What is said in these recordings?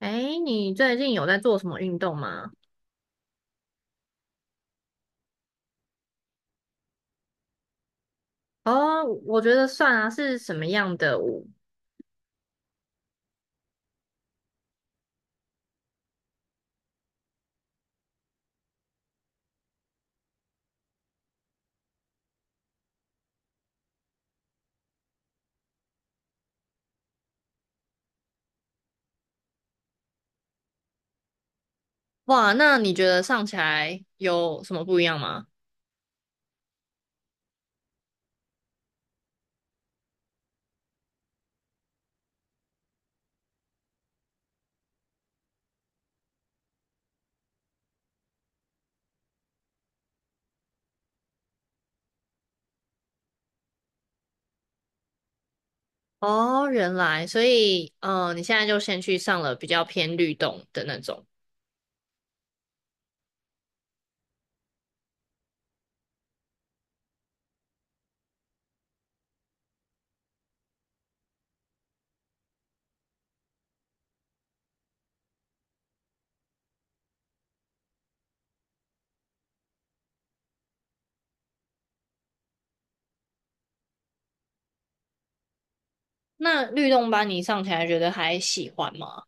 哎，你最近有在做什么运动吗？哦，我觉得算啊，是什么样的舞？哇，那你觉得上起来有什么不一样吗？哦，原来，所以，你现在就先去上了比较偏律动的那种。那律动班你上起来觉得还喜欢吗？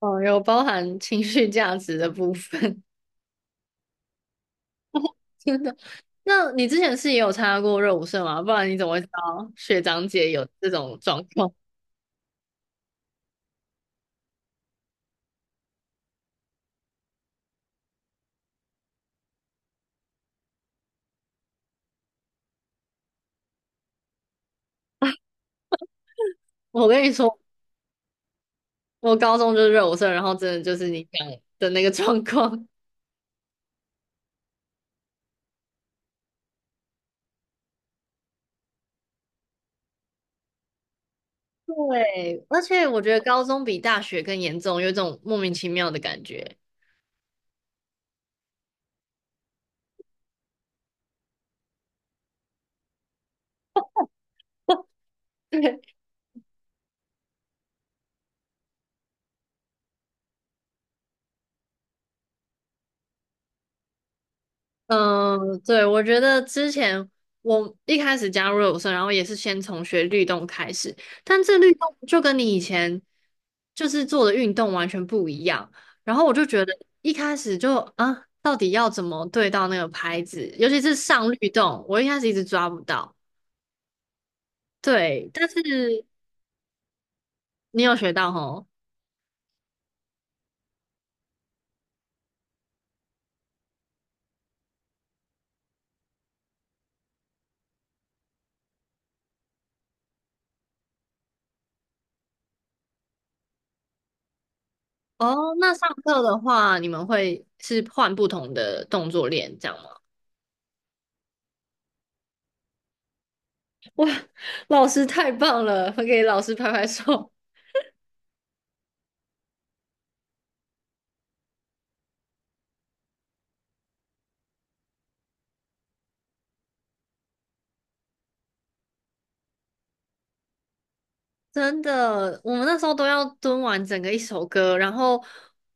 哦，有包含情绪价值的部分。真的。那你之前是也有参加过热舞社吗？不然你怎么会知道学长姐有这种状况？我跟你说，我高中就是热舞社，然后真的就是你讲的那个状况。对，而且我觉得高中比大学更严重，有一种莫名其妙的感觉。对，嗯，对，我觉得之前我一开始加入热舞社，然后也是先从学律动开始，但这律动就跟你以前就是做的运动完全不一样。然后我就觉得一开始就啊，到底要怎么对到那个拍子，尤其是上律动，我一开始一直抓不到。对，但是你有学到吼？哦，那上课的话，你们会是换不同的动作练，这样吗？老师太棒了，给老师拍拍手。真的，我们那时候都要蹲完整个一首歌，然后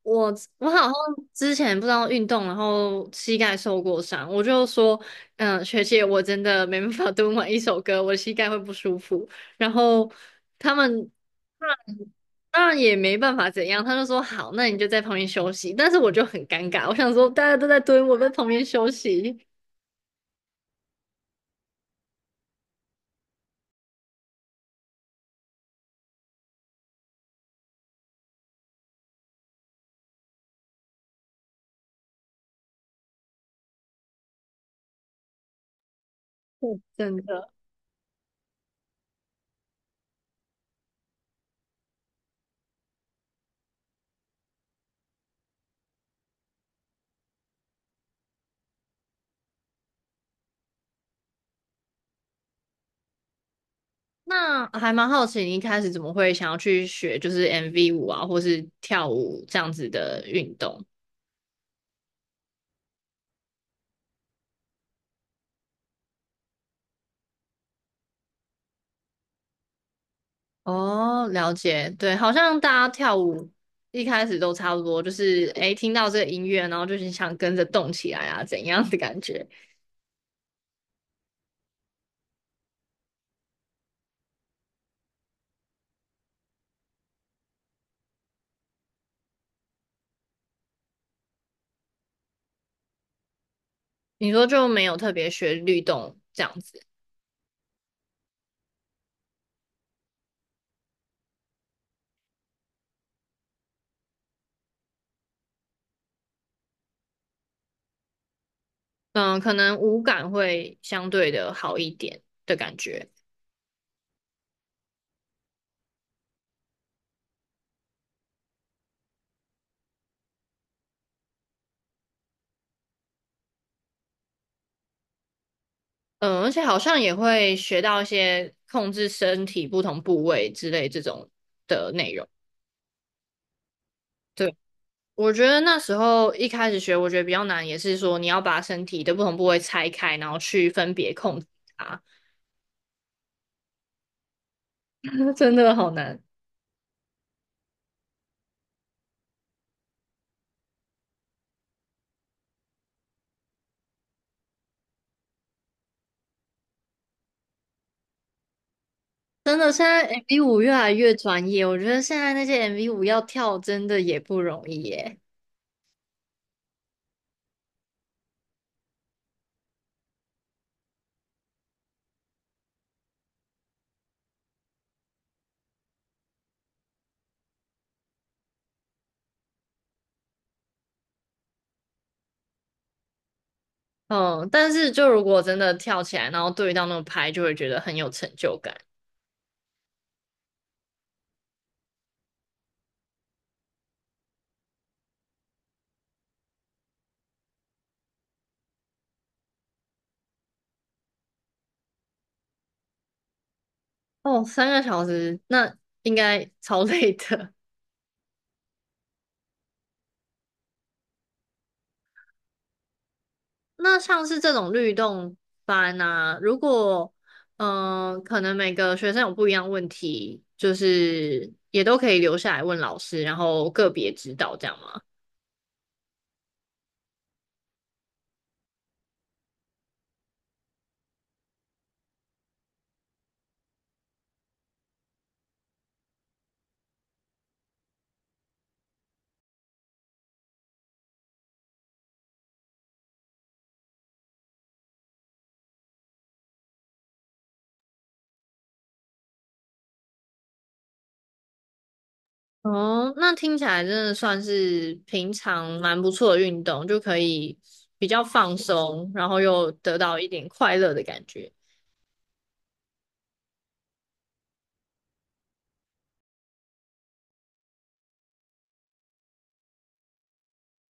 我我好像之前不知道运动，然后膝盖受过伤，我就说，嗯、学姐，我真的没办法 蹲完一首歌，我的膝盖会不舒服。然后他们。当然也没办法怎样，他就说好，那你就在旁边休息。但是我就很尴尬，我想说大家都在蹲，我在旁边休息。嗯真的。那还蛮好奇，你一开始怎么会想要去学就是 MV 舞啊，或是跳舞这样子的运动？哦，了解，对，好像大家跳舞一开始都差不多，就是诶，听到这个音乐，然后就是想跟着动起来啊，怎样的感觉？你说就没有特别学律动这样子。嗯，可能五感会相对的好一点的感觉。嗯，而且好像也会学到一些控制身体不同部位之类这种的内容。对，我觉得那时候一开始学，我觉得比较难，也是说你要把身体的不同部位拆开，然后去分别控制它。真的好难。真的，现在 MV 五越来越专业，我觉得现在那些 MV 五要跳真的也不容易耶。嗯，但是就如果真的跳起来，然后对到那种拍，就会觉得很有成就感。哦，三个小时，那应该超 累的。那像是这种律动班啊，如果嗯、可能每个学生有不一样问题，就是也都可以留下来问老师，然后个别指导这样吗？哦，那听起来真的算是平常蛮不错的运动，就可以比较放松，然后又得到一点快乐的感觉。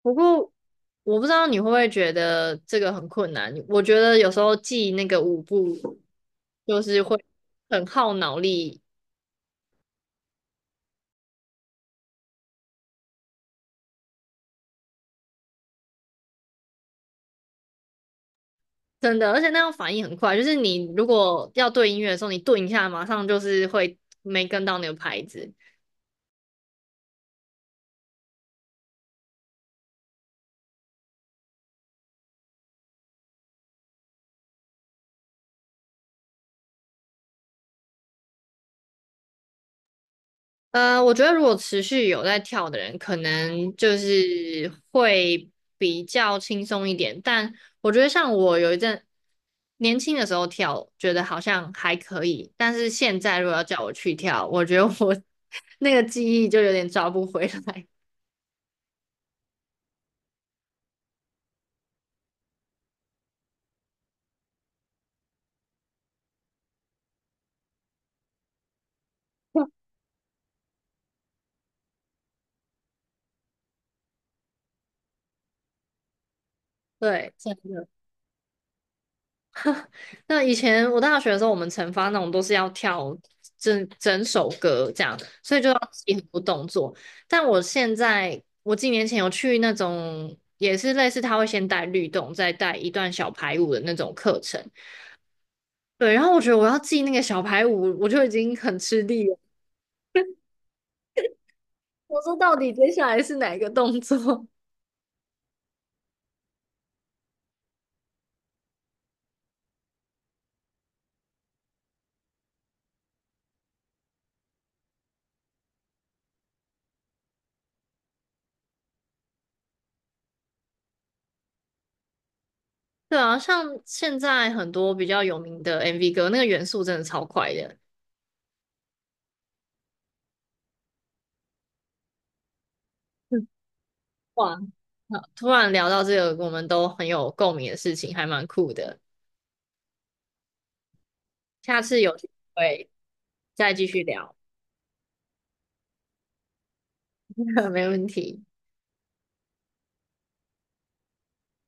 不过我不知道你会不会觉得这个很困难。我觉得有时候记那个舞步就是会很耗脑力。真的，而且那样反应很快。就是你如果要对音乐的时候，你顿一下，马上就是会没跟到那个拍子。呃，我觉得如果持续有在跳的人，可能就是会比较轻松一点。但我觉得像我有一阵年轻的时候跳，觉得好像还可以。但是现在如果要叫我去跳，我觉得我 那个记忆就有点抓不回来。对，真的。那以前我大学的时候，我们惩罚那种都是要跳整整首歌这样，所以就要记很多动作。但我现在，我几年前有去那种也是类似他会先带律动，再带一段小排舞的那种课程。对，然后我觉得我要记那个小排舞，我就已经很吃力了。我说到底接下来是哪一个动作？对啊，像现在很多比较有名的 MV 歌，那个元素真的超快的。哇，好突然聊到这个我们都很有共鸣的事情，还蛮酷的。下次有机会再继续聊。没问题。